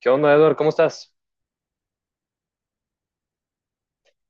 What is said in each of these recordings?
¿Qué onda, Edward? ¿Cómo estás?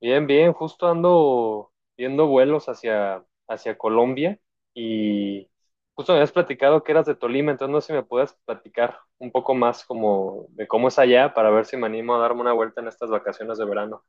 Bien, bien. Justo ando viendo vuelos hacia, hacia Colombia y justo me habías platicado que eras de Tolima, entonces no sé si me puedes platicar un poco más como de cómo es allá para ver si me animo a darme una vuelta en estas vacaciones de verano.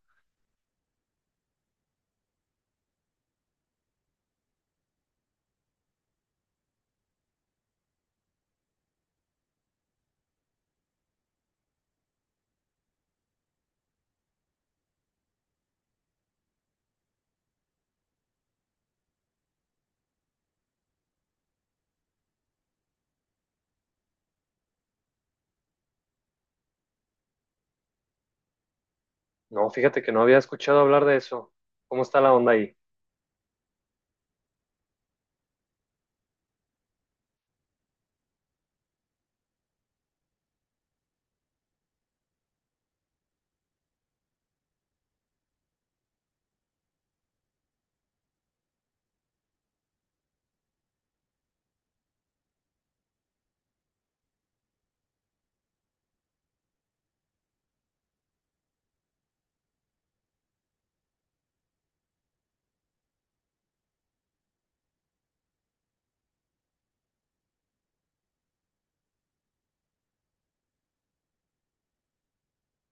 No, fíjate que no había escuchado hablar de eso. ¿Cómo está la onda ahí?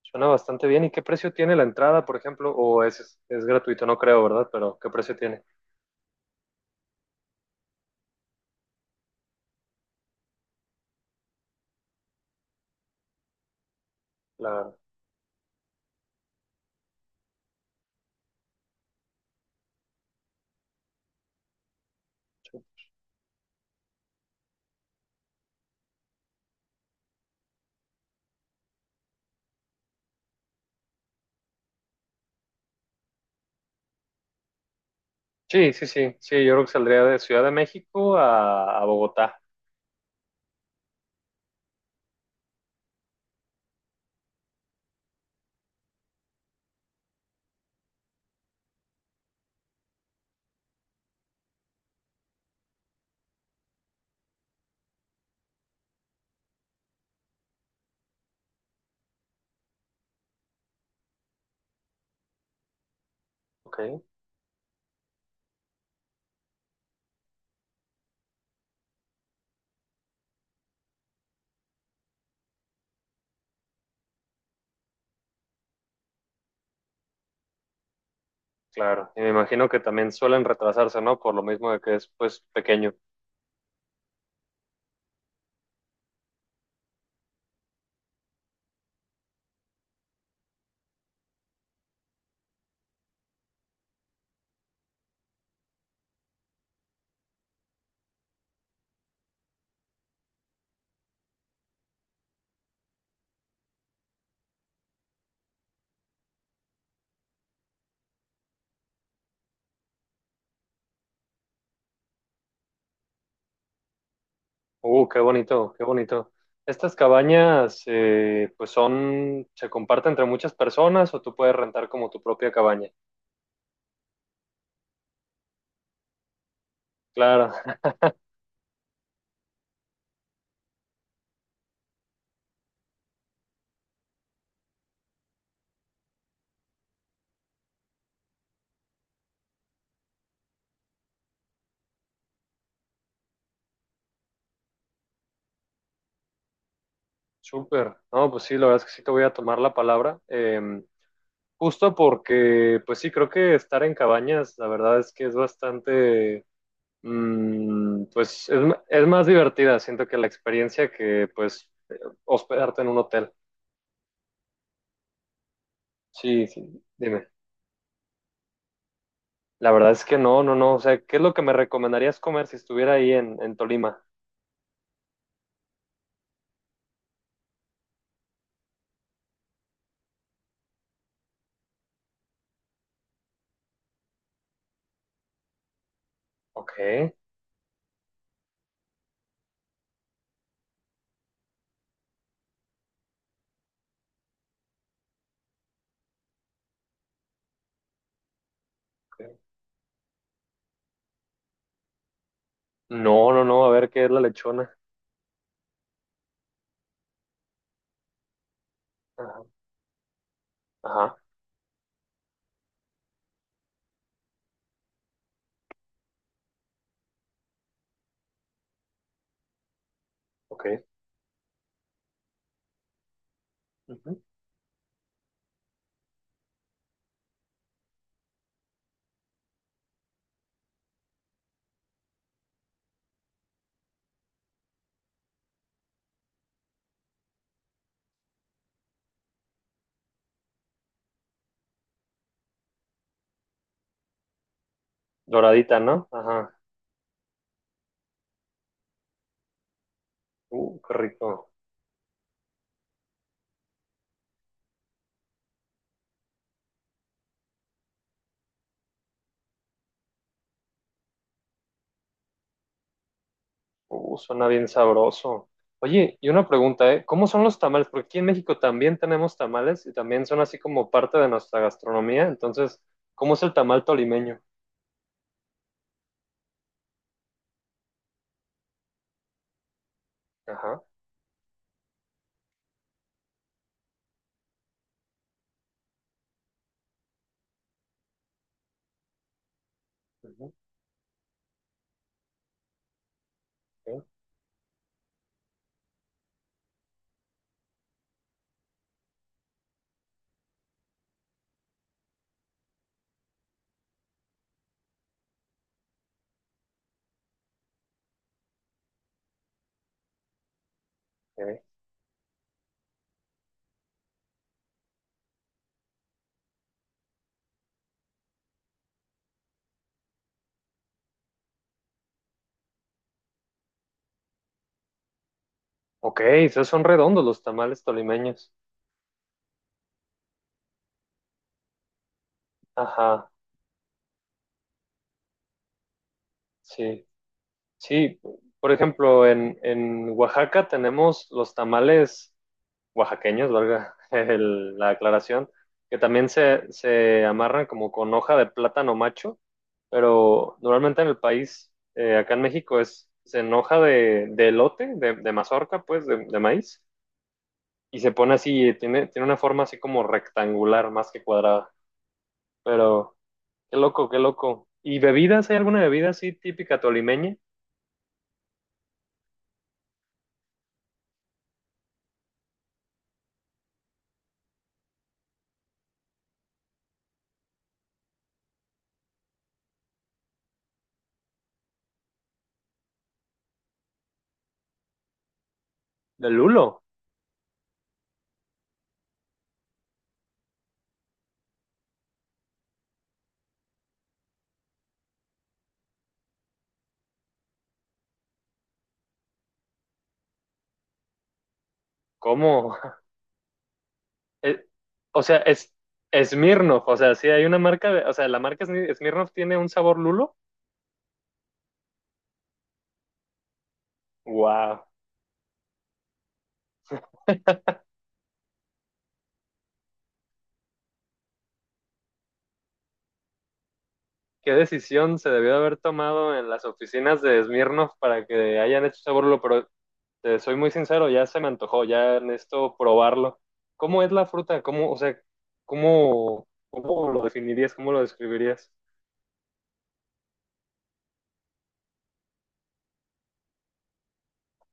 Suena bastante bien. ¿Y qué precio tiene la entrada, por ejemplo? ¿O es gratuito? No creo, ¿verdad? Pero ¿qué precio tiene? La... Sí, sí, sí. Sí, yo creo que saldría de Ciudad de México a Bogotá. Ok. Claro, y me imagino que también suelen retrasarse, ¿no? Por lo mismo de que es, pues, pequeño. Qué bonito, qué bonito. Estas cabañas, pues, son, se comparten entre muchas personas o tú puedes rentar como tu propia cabaña. Claro, súper. No, pues sí, la verdad es que sí te voy a tomar la palabra. Justo porque, pues sí, creo que estar en cabañas, la verdad es que es bastante, mm, pues, es más divertida, siento que la experiencia que, pues, hospedarte en un hotel. Sí, sí, dime. La verdad es que no, no, no. O sea, ¿qué es lo que me recomendarías comer si estuviera ahí en Tolima? Ok. Ok. No, no, no. A ver, ¿qué es la lechona? Ajá. Ajá. Ok. Ujú. Doradita, ¿no? Ajá. Qué rico. Suena bien sabroso. Oye, y una pregunta, ¿eh? ¿Cómo son los tamales? Porque aquí en México también tenemos tamales y también son así como parte de nuestra gastronomía. Entonces, ¿cómo es el tamal tolimeño? Ajá. Ujú. Ok, ok. Ok, esos son redondos los tamales tolimeños. Ajá, sí, sí. Por ejemplo, en Oaxaca tenemos los tamales oaxaqueños, valga la aclaración, que también se amarran como con hoja de plátano macho, pero normalmente en el país, acá en México, es en hoja de elote, de mazorca, pues, de maíz, y se pone así, tiene, tiene una forma así como rectangular más que cuadrada. Pero, qué loco, qué loco. ¿Y bebidas? ¿Hay alguna bebida así típica tolimeña? Del lulo. ¿Cómo? Eh, o sea, es Smirnoff, o sea, sí hay una marca, o sea, la marca Smirnoff tiene un sabor lulo. Wow. ¿Qué decisión se debió de haber tomado en las oficinas de Smirnoff para que hayan hecho sabor lulo? Pero te soy muy sincero, ya se me antojó, ya necesito probarlo. ¿Cómo es la fruta? ¿Cómo, o sea, cómo, cómo lo definirías? ¿Cómo lo describirías?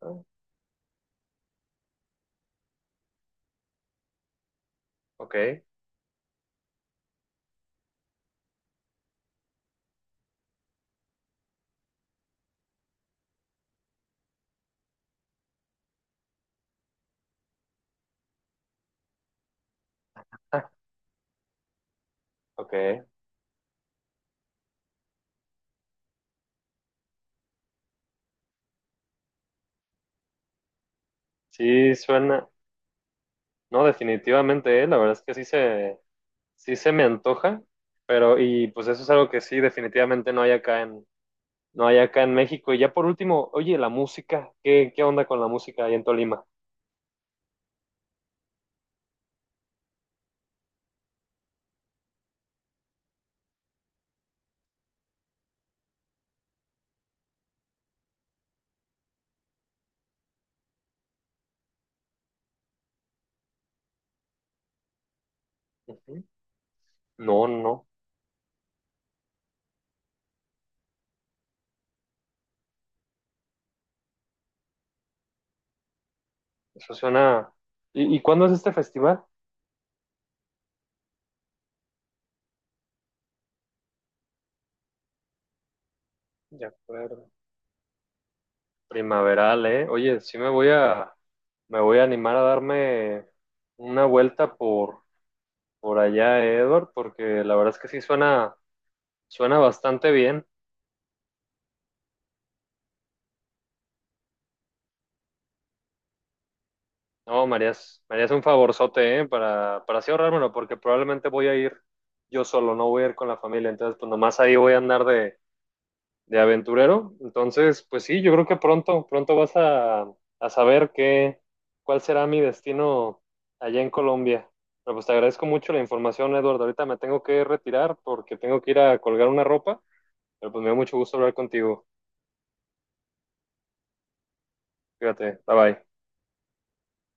Ah, ok, ok. Sí, suena. No, definitivamente, la verdad es que sí se me antoja, pero y pues eso es algo que sí definitivamente no hay acá en no hay acá en México. Y ya por último, oye, la música, ¿qué, qué onda con la música ahí en Tolima? Ujú. No, no, eso suena. ¿Y cuándo es este festival? De acuerdo. Primaveral, ¿eh? Oye, sí me voy a animar a darme una vuelta por allá, ¿eh, Edward? Porque la verdad es que sí suena bastante bien. No, Marías, Marías un favorzote, ¿eh? Para así ahorrármelo, porque probablemente voy a ir yo solo, no voy a ir con la familia, entonces pues nomás ahí voy a andar de aventurero. Entonces, pues sí, yo creo que pronto, pronto vas a saber qué, cuál será mi destino allá en Colombia. Pero pues te agradezco mucho la información, Eduardo. Ahorita me tengo que retirar porque tengo que ir a colgar una ropa, pero pues me da mucho gusto hablar contigo. Fíjate, bye bye.